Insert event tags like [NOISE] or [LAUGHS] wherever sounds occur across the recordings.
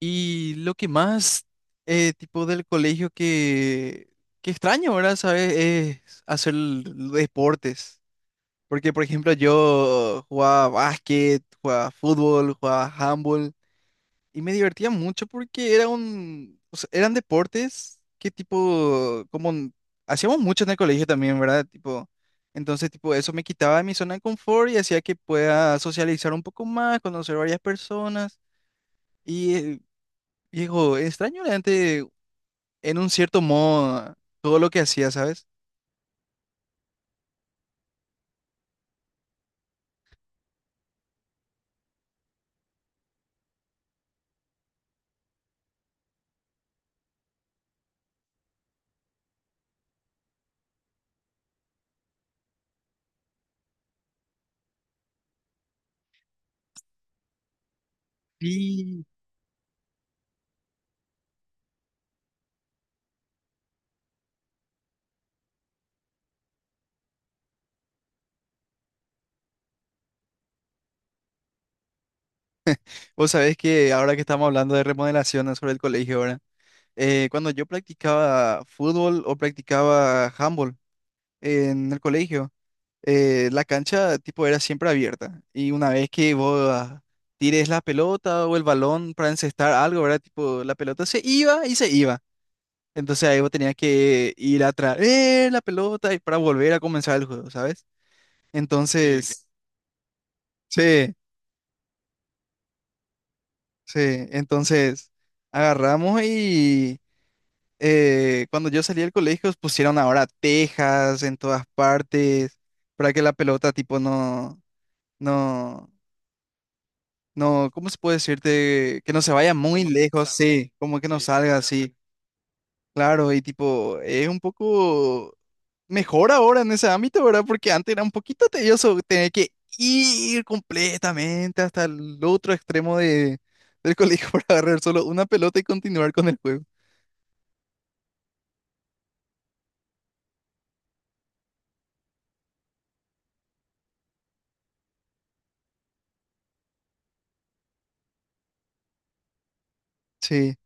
Y lo que más, tipo del colegio que extraño, ¿verdad? ¿Sabes? Es hacer deportes. Porque, por ejemplo, yo jugaba básquet, jugaba fútbol, jugaba handball. Y me divertía mucho porque era un, o sea, eran deportes que tipo, como hacíamos mucho en el colegio también, ¿verdad? Tipo, entonces, tipo, eso me quitaba de mi zona de confort y hacía que pueda socializar un poco más, conocer varias personas. y eh, Viejo, extraño realmente en un cierto modo todo lo que hacía, ¿sabes? Sí. Vos sabés que ahora que estamos hablando de remodelaciones sobre el colegio, ¿verdad? Cuando yo practicaba fútbol o practicaba handball en el colegio, la cancha tipo era siempre abierta. Y una vez que vos tires la pelota o el balón para encestar algo, ¿verdad? Tipo, la pelota se iba y se iba. Entonces ahí vos tenías que ir a traer la pelota y para volver a comenzar el juego, ¿sabes? Sí. Entonces, [LAUGHS] sí, sí, entonces agarramos y cuando yo salí del colegio pusieron ahora tejas en todas partes para que la pelota tipo no, no, no, ¿cómo se puede decirte? Que no se vaya muy no lejos, sí, como que no. Sí, salga así. Claro, y tipo, es un poco mejor ahora en ese ámbito, ¿verdad? Porque antes era un poquito tedioso tener que ir completamente hasta el otro extremo de, del colegio [LAUGHS] para agarrar solo una pelota y continuar con el juego. Sí,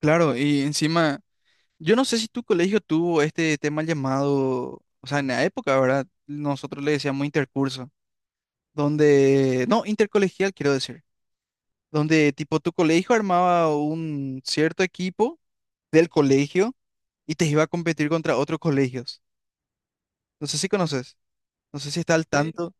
claro, y encima, yo no sé si tu colegio tuvo este tema llamado, o sea, en la época, ¿verdad? Nosotros le decíamos intercurso, donde, no, intercolegial quiero decir, donde tipo tu colegio armaba un cierto equipo del colegio y te iba a competir contra otros colegios. No sé si conoces, no sé si está al sí tanto.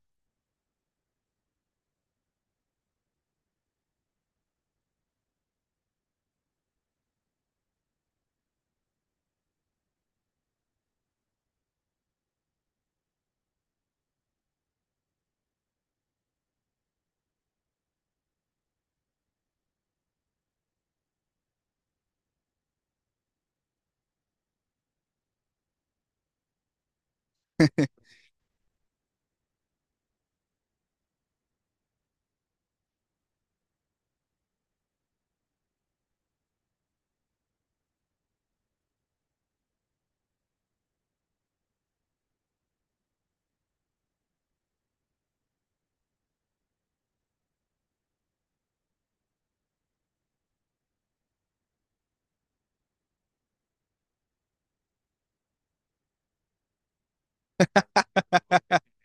[LAUGHS]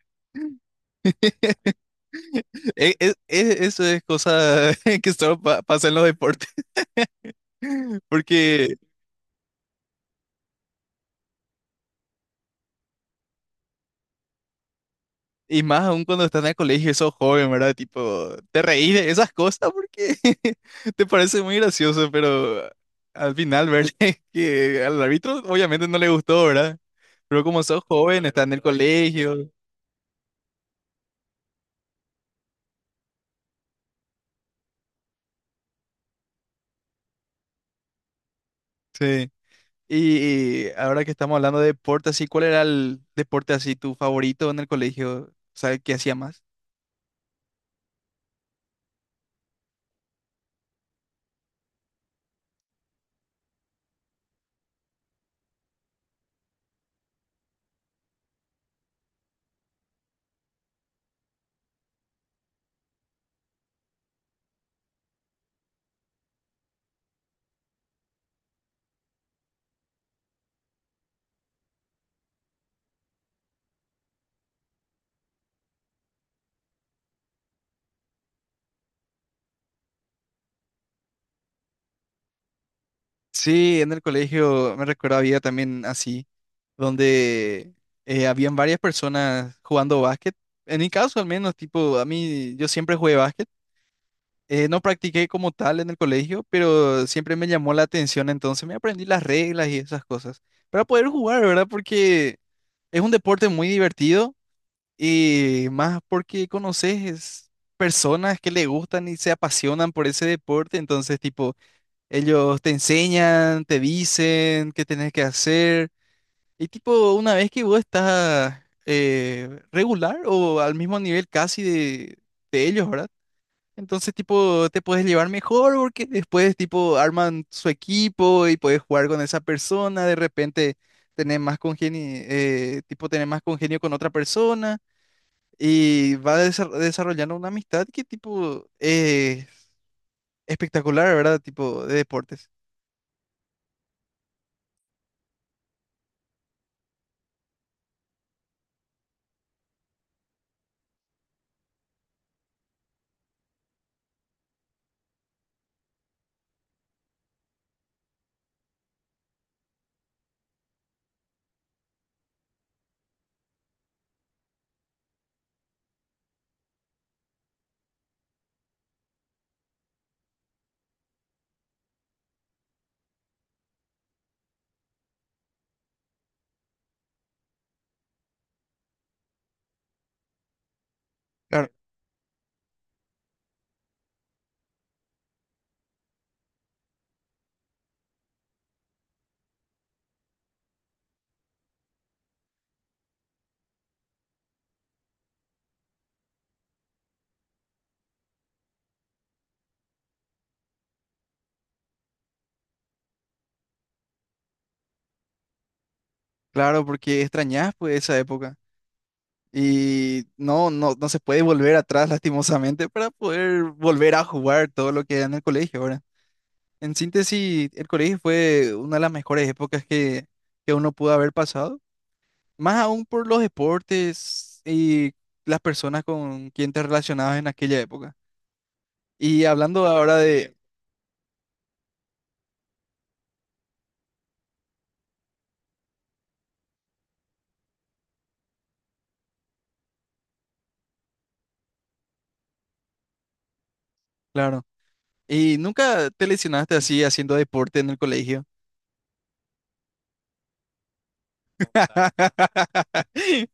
Eso es cosa [LAUGHS] que solo pasa en los deportes. [LAUGHS] Porque, y más aún cuando estás en el colegio y sos joven, ¿verdad? Tipo, te reís de esas cosas porque [LAUGHS] te parece muy gracioso, pero al final, ¿verdad? [LAUGHS] Que al árbitro obviamente no le gustó, ¿verdad? Pero como sos. No, joven, no en el colegio. Sí. Y ahora que estamos hablando de deporte, así, ¿cuál era el deporte así tu favorito en el colegio? ¿Sabes qué hacía más? Sí, en el colegio me recuerdo había también así, donde habían varias personas jugando básquet. En mi caso al menos, tipo, a mí yo siempre jugué básquet. No practiqué como tal en el colegio, pero siempre me llamó la atención, entonces me aprendí las reglas y esas cosas para poder jugar, ¿verdad? Porque es un deporte muy divertido. Y más porque conoces personas que le gustan y se apasionan por ese deporte, entonces tipo, ellos te enseñan, te dicen qué tenés que hacer. Y tipo, una vez que vos estás regular o al mismo nivel casi de ellos, ¿verdad? Entonces tipo, te puedes llevar mejor porque después tipo arman su equipo y puedes jugar con esa persona, de repente tener más congenio, tipo tener más congenio con otra persona. Y va desarrollando una amistad que tipo es espectacular, ¿verdad? Tipo de deportes. Claro, claro, porque extrañas pues esa época. Y no, no, no se puede volver atrás [LAUGHS] lastimosamente para poder volver a jugar todo lo que era en el colegio, ahora. En síntesis, el colegio fue una de las mejores épocas que uno pudo haber pasado. Más aún por los deportes y las personas con quien te relacionabas en aquella época. Y hablando ahora de... Claro. ¿Y nunca te lesionaste así haciendo deporte en el colegio? [LAUGHS]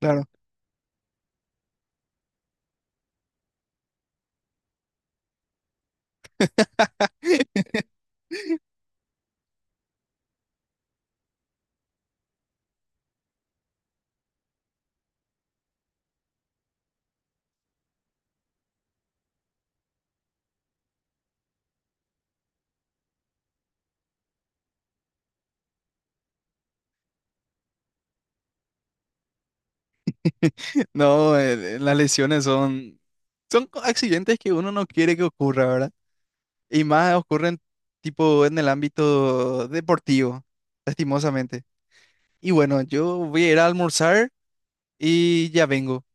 Claro. [LAUGHS] No, las lesiones son, son accidentes que uno no quiere que ocurra, ¿verdad? Y más ocurren tipo en el ámbito deportivo, lastimosamente. Y bueno, yo voy a ir a almorzar y ya vengo.